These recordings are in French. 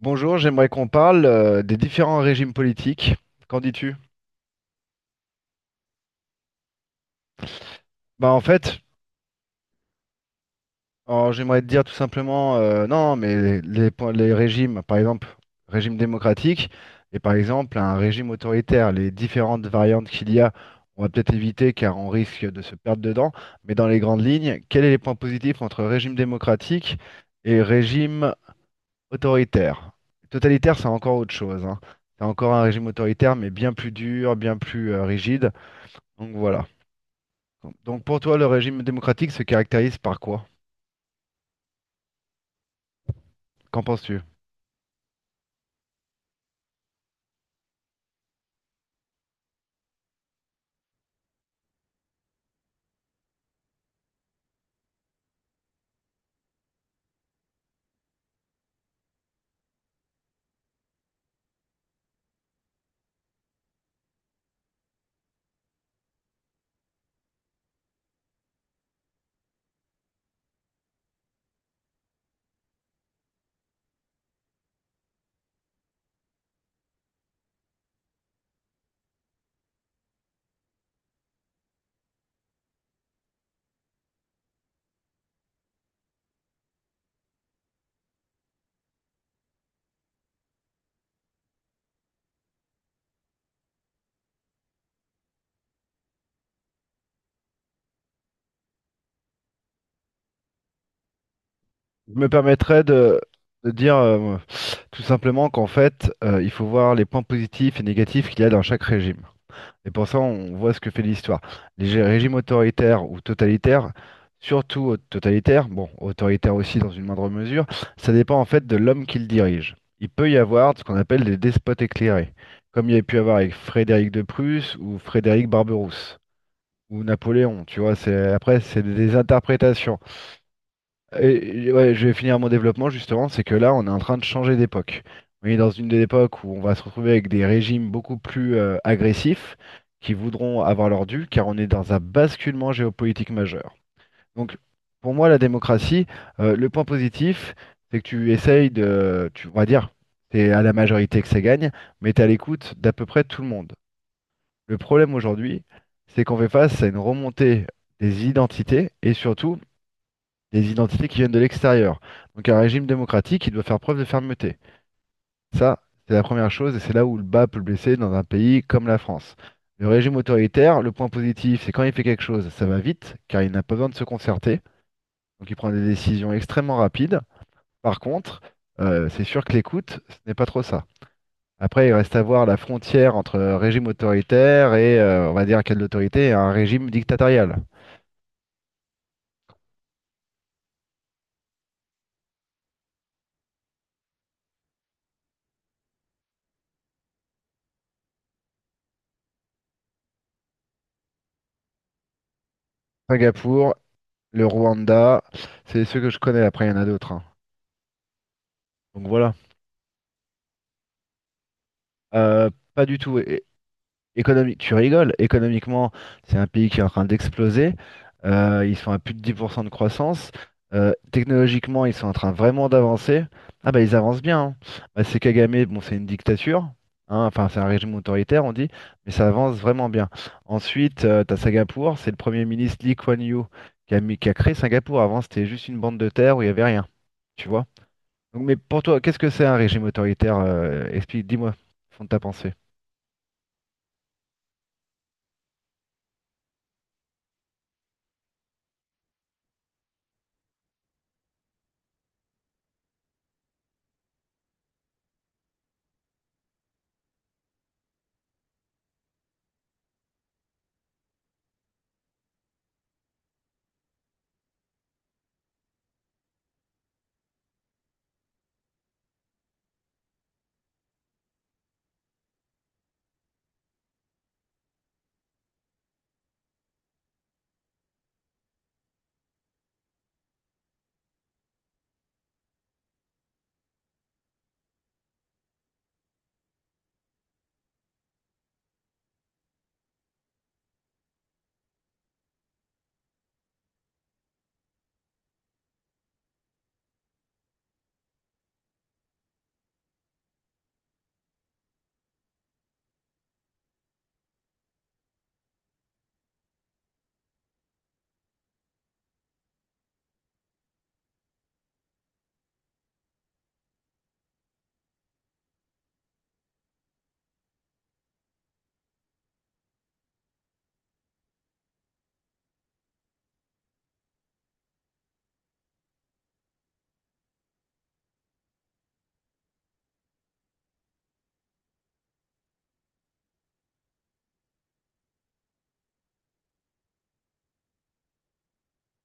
Bonjour, j'aimerais qu'on parle des différents régimes politiques. Qu'en dis-tu? Bah en fait, alors, j'aimerais te dire tout simplement, non, mais les régimes, par exemple, régime démocratique et par exemple un régime autoritaire, les différentes variantes qu'il y a, on va peut-être éviter car on risque de se perdre dedans, mais dans les grandes lignes, quels sont les points positifs entre régime démocratique et régime autoritaire? Totalitaire, c'est encore autre chose, hein. C'est encore un régime autoritaire, mais bien plus dur, bien plus rigide. Donc voilà. Donc pour toi, le régime démocratique se caractérise par quoi? Qu'en penses-tu? Je me permettrais de dire tout simplement qu'en fait, il faut voir les points positifs et négatifs qu'il y a dans chaque régime. Et pour ça, on voit ce que fait l'histoire. Les régimes autoritaires ou totalitaires, surtout totalitaires, bon, autoritaires aussi dans une moindre mesure, ça dépend en fait de l'homme qui le dirige. Il peut y avoir ce qu'on appelle des despotes éclairés, comme il y a pu avoir avec Frédéric de Prusse ou Frédéric Barberousse. Ou Napoléon, tu vois, c'est après c'est des interprétations. Et ouais, je vais finir mon développement justement, c'est que là on est en train de changer d'époque. On est dans une des époques où on va se retrouver avec des régimes beaucoup plus agressifs qui voudront avoir leur dû, car on est dans un basculement géopolitique majeur. Donc pour moi la démocratie, le point positif, c'est que tu essayes de, tu, on va dire, c'est à la majorité que ça gagne, mais tu à l'écoute d'à peu près tout le monde. Le problème aujourd'hui, c'est qu'on fait face à une remontée des identités et surtout des identités qui viennent de l'extérieur. Donc un régime démocratique qui doit faire preuve de fermeté. Ça, c'est la première chose et c'est là où le bas peut blesser dans un pays comme la France. Le régime autoritaire, le point positif, c'est quand il fait quelque chose, ça va vite, car il n'a pas besoin de se concerter. Donc il prend des décisions extrêmement rapides. Par contre, c'est sûr que l'écoute, ce n'est pas trop ça. Après, il reste à voir la frontière entre régime autoritaire et, on va dire, quelle autorité, et un régime dictatorial. Singapour, le Rwanda, c'est ceux que je connais. Après, il y en a d'autres, hein. Donc voilà. Pas du tout. Économique, tu rigoles, économiquement, c'est un pays qui est en train d'exploser. Ils sont à plus de 10% de croissance. Technologiquement, ils sont en train vraiment d'avancer. Ah bah ils avancent bien, hein. Bah, c'est Kagame, bon, c'est une dictature, hein. Enfin, c'est un régime autoritaire, on dit, mais ça avance vraiment bien. Ensuite, t'as Singapour, c'est le premier ministre Lee Kuan Yew qui a créé Singapour. Avant, c'était juste une bande de terre où il n'y avait rien. Tu vois? Donc, mais pour toi, qu'est-ce que c'est un régime autoritaire? Explique, dis-moi, fond de ta pensée.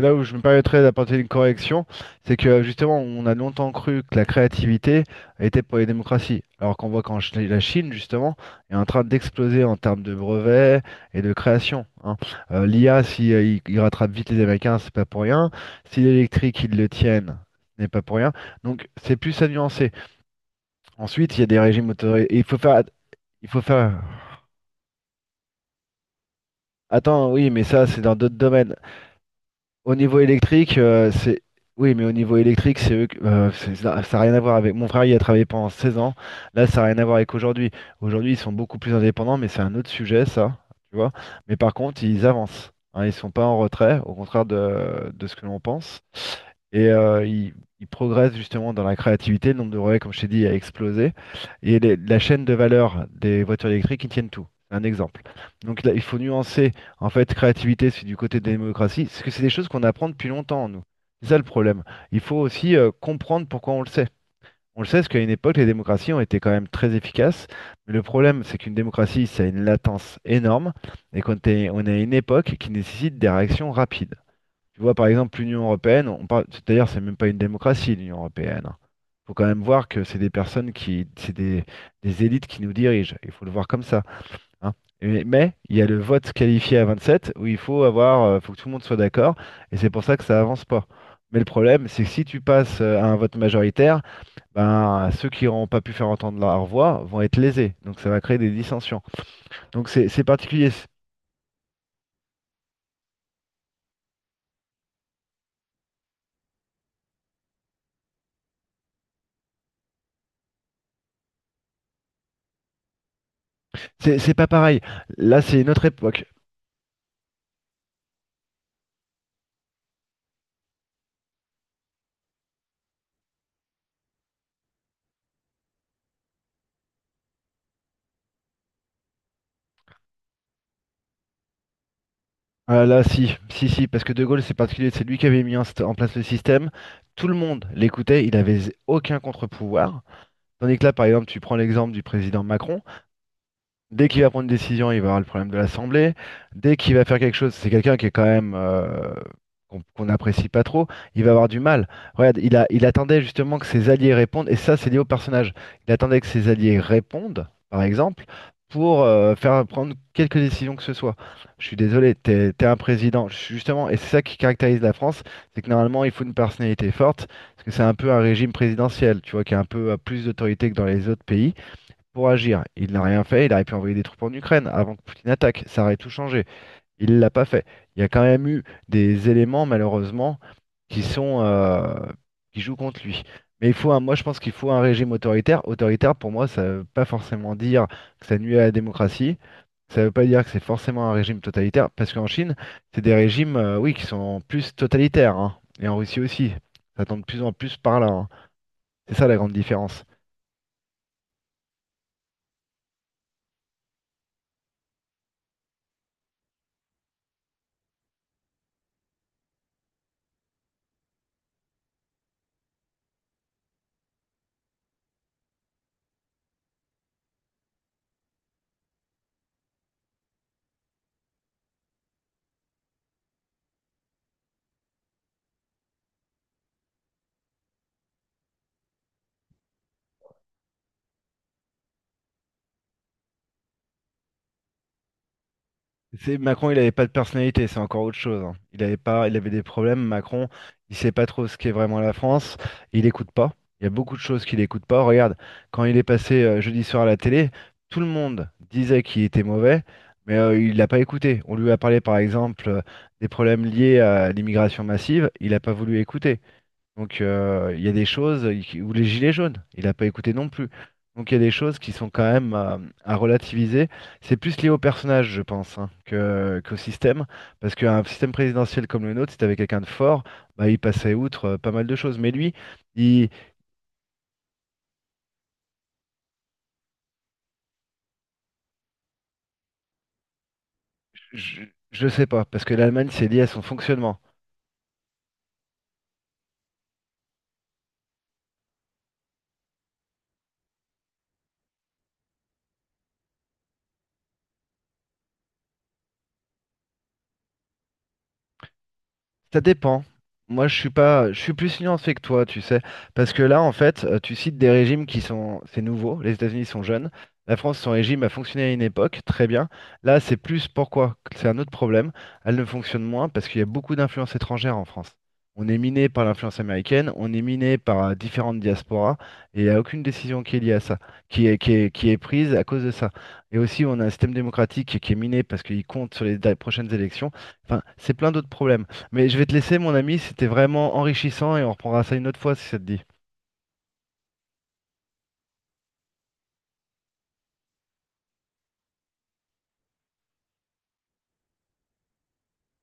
Là où je me permettrais d'apporter une correction, c'est que justement, on a longtemps cru que la créativité était pour les démocraties, alors qu'on voit qu'en Chi- la Chine, justement, est en train d'exploser en termes de brevets et de création, hein. L'IA, si il rattrape vite les Américains, c'est pas pour rien. Si l'électrique, ils le tiennent, ce n'est pas pour rien. Donc, c'est plus à nuancer. Ensuite, il y a des régimes autoritaires. Il faut faire. Attends, oui, mais ça, c'est dans d'autres domaines. Au niveau électrique, c'est. Oui, mais au niveau électrique, c'est ça n'a rien à voir avec. Mon frère, il a travaillé pendant 16 ans. Là, ça n'a rien à voir avec aujourd'hui. Aujourd'hui, ils sont beaucoup plus indépendants, mais c'est un autre sujet, ça. Tu vois. Mais par contre, ils avancent, hein, ils sont pas en retrait, au contraire de ce que l'on pense. Et il progresse justement dans la créativité, le nombre de relais, comme je t'ai dit, a explosé. Et la chaîne de valeur des voitures électriques, ils tiennent tout. C'est un exemple. Donc là, il faut nuancer, en fait, créativité, c'est du côté de la démocratie, parce que c'est des choses qu'on apprend depuis longtemps, nous. C'est ça le problème. Il faut aussi comprendre pourquoi on le sait. On le sait parce qu'à une époque, les démocraties ont été quand même très efficaces. Mais le problème, c'est qu'une démocratie, ça a une latence énorme et qu'on est à une époque qui nécessite des réactions rapides. Tu vois, par exemple, l'Union européenne, on parle, c'est-à-dire, c'est même pas une démocratie, l'Union européenne. Il faut quand même voir que c'est des personnes qui, c'est des élites qui nous dirigent. Il faut le voir comme ça, hein. Mais il y a le vote qualifié à 27 où il faut avoir, faut que tout le monde soit d'accord, et c'est pour ça que ça avance pas. Mais le problème, c'est que si tu passes à un vote majoritaire, ben, ceux qui n'auront pas pu faire entendre leur voix vont être lésés. Donc ça va créer des dissensions. Donc c'est particulier. C'est pas pareil. Là, c'est une autre époque. Ah là, si, si, si, parce que De Gaulle, c'est particulier, c'est lui qui avait mis en place le système. Tout le monde l'écoutait, il avait aucun contre-pouvoir. Tandis que là, par exemple, tu prends l'exemple du président Macron. Dès qu'il va prendre une décision, il va avoir le problème de l'Assemblée. Dès qu'il va faire quelque chose, c'est quelqu'un qui est quand même qu'on n'apprécie pas trop, il va avoir du mal. Regarde, il attendait justement que ses alliés répondent, et ça, c'est lié au personnage. Il attendait que ses alliés répondent, par exemple, pour faire prendre quelques décisions que ce soit. Je suis désolé, t'es un président. Je suis justement, et c'est ça qui caractérise la France, c'est que normalement, il faut une personnalité forte, parce que c'est un peu un régime présidentiel, tu vois, qui a un peu plus d'autorité que dans les autres pays pour agir. Il n'a rien fait, il aurait pu envoyer des troupes en Ukraine avant que Poutine attaque, ça aurait tout changé. Il l'a pas fait. Il y a quand même eu des éléments, malheureusement, qui sont qui jouent contre lui. Mais il faut moi je pense qu'il faut un régime autoritaire. Autoritaire, pour moi, ça ne veut pas forcément dire que ça nuit à la démocratie. Ça ne veut pas dire que c'est forcément un régime totalitaire, parce qu'en Chine, c'est des régimes, oui, qui sont en plus totalitaires, hein. Et en Russie aussi. Ça tend de plus en plus par là, hein. C'est ça la grande différence. C'est Macron, il n'avait pas de personnalité, c'est encore autre chose, hein. Il avait pas, il avait des problèmes. Macron, il sait pas trop ce qu'est vraiment la France. Il écoute pas. Il y a beaucoup de choses qu'il écoute pas. Regarde, quand il est passé jeudi soir à la télé, tout le monde disait qu'il était mauvais, mais il l'a pas écouté. On lui a parlé par exemple des problèmes liés à l'immigration massive. Il n'a pas voulu écouter. Donc il y a des choses, ou les gilets jaunes, il n'a pas écouté non plus. Donc il y a des choses qui sont quand même à, relativiser. C'est plus lié au personnage, je pense, hein, qu'au système. Parce qu'un système présidentiel comme le nôtre, si t'avais quelqu'un de fort, bah, il passait outre pas mal de choses. Mais lui, il, je je sais pas, parce que l'Allemagne, c'est lié à son fonctionnement. Ça dépend. Moi, je suis pas, je suis plus nuancé que toi, tu sais, parce que là, en fait, tu cites des régimes qui sont, c'est nouveau. Les États-Unis sont jeunes. La France, son régime a fonctionné à une époque, très bien. Là, c'est plus pourquoi? Que c'est un autre problème. Elle ne fonctionne moins parce qu'il y a beaucoup d'influences étrangères en France. On est miné par l'influence américaine, on est miné par différentes diasporas, et il n'y a aucune décision qui est liée à ça, qui est prise à cause de ça. Et aussi, on a un système démocratique qui est miné parce qu'il compte sur les prochaines élections. Enfin, c'est plein d'autres problèmes. Mais je vais te laisser, mon ami, c'était vraiment enrichissant et on reprendra ça une autre fois si ça te dit.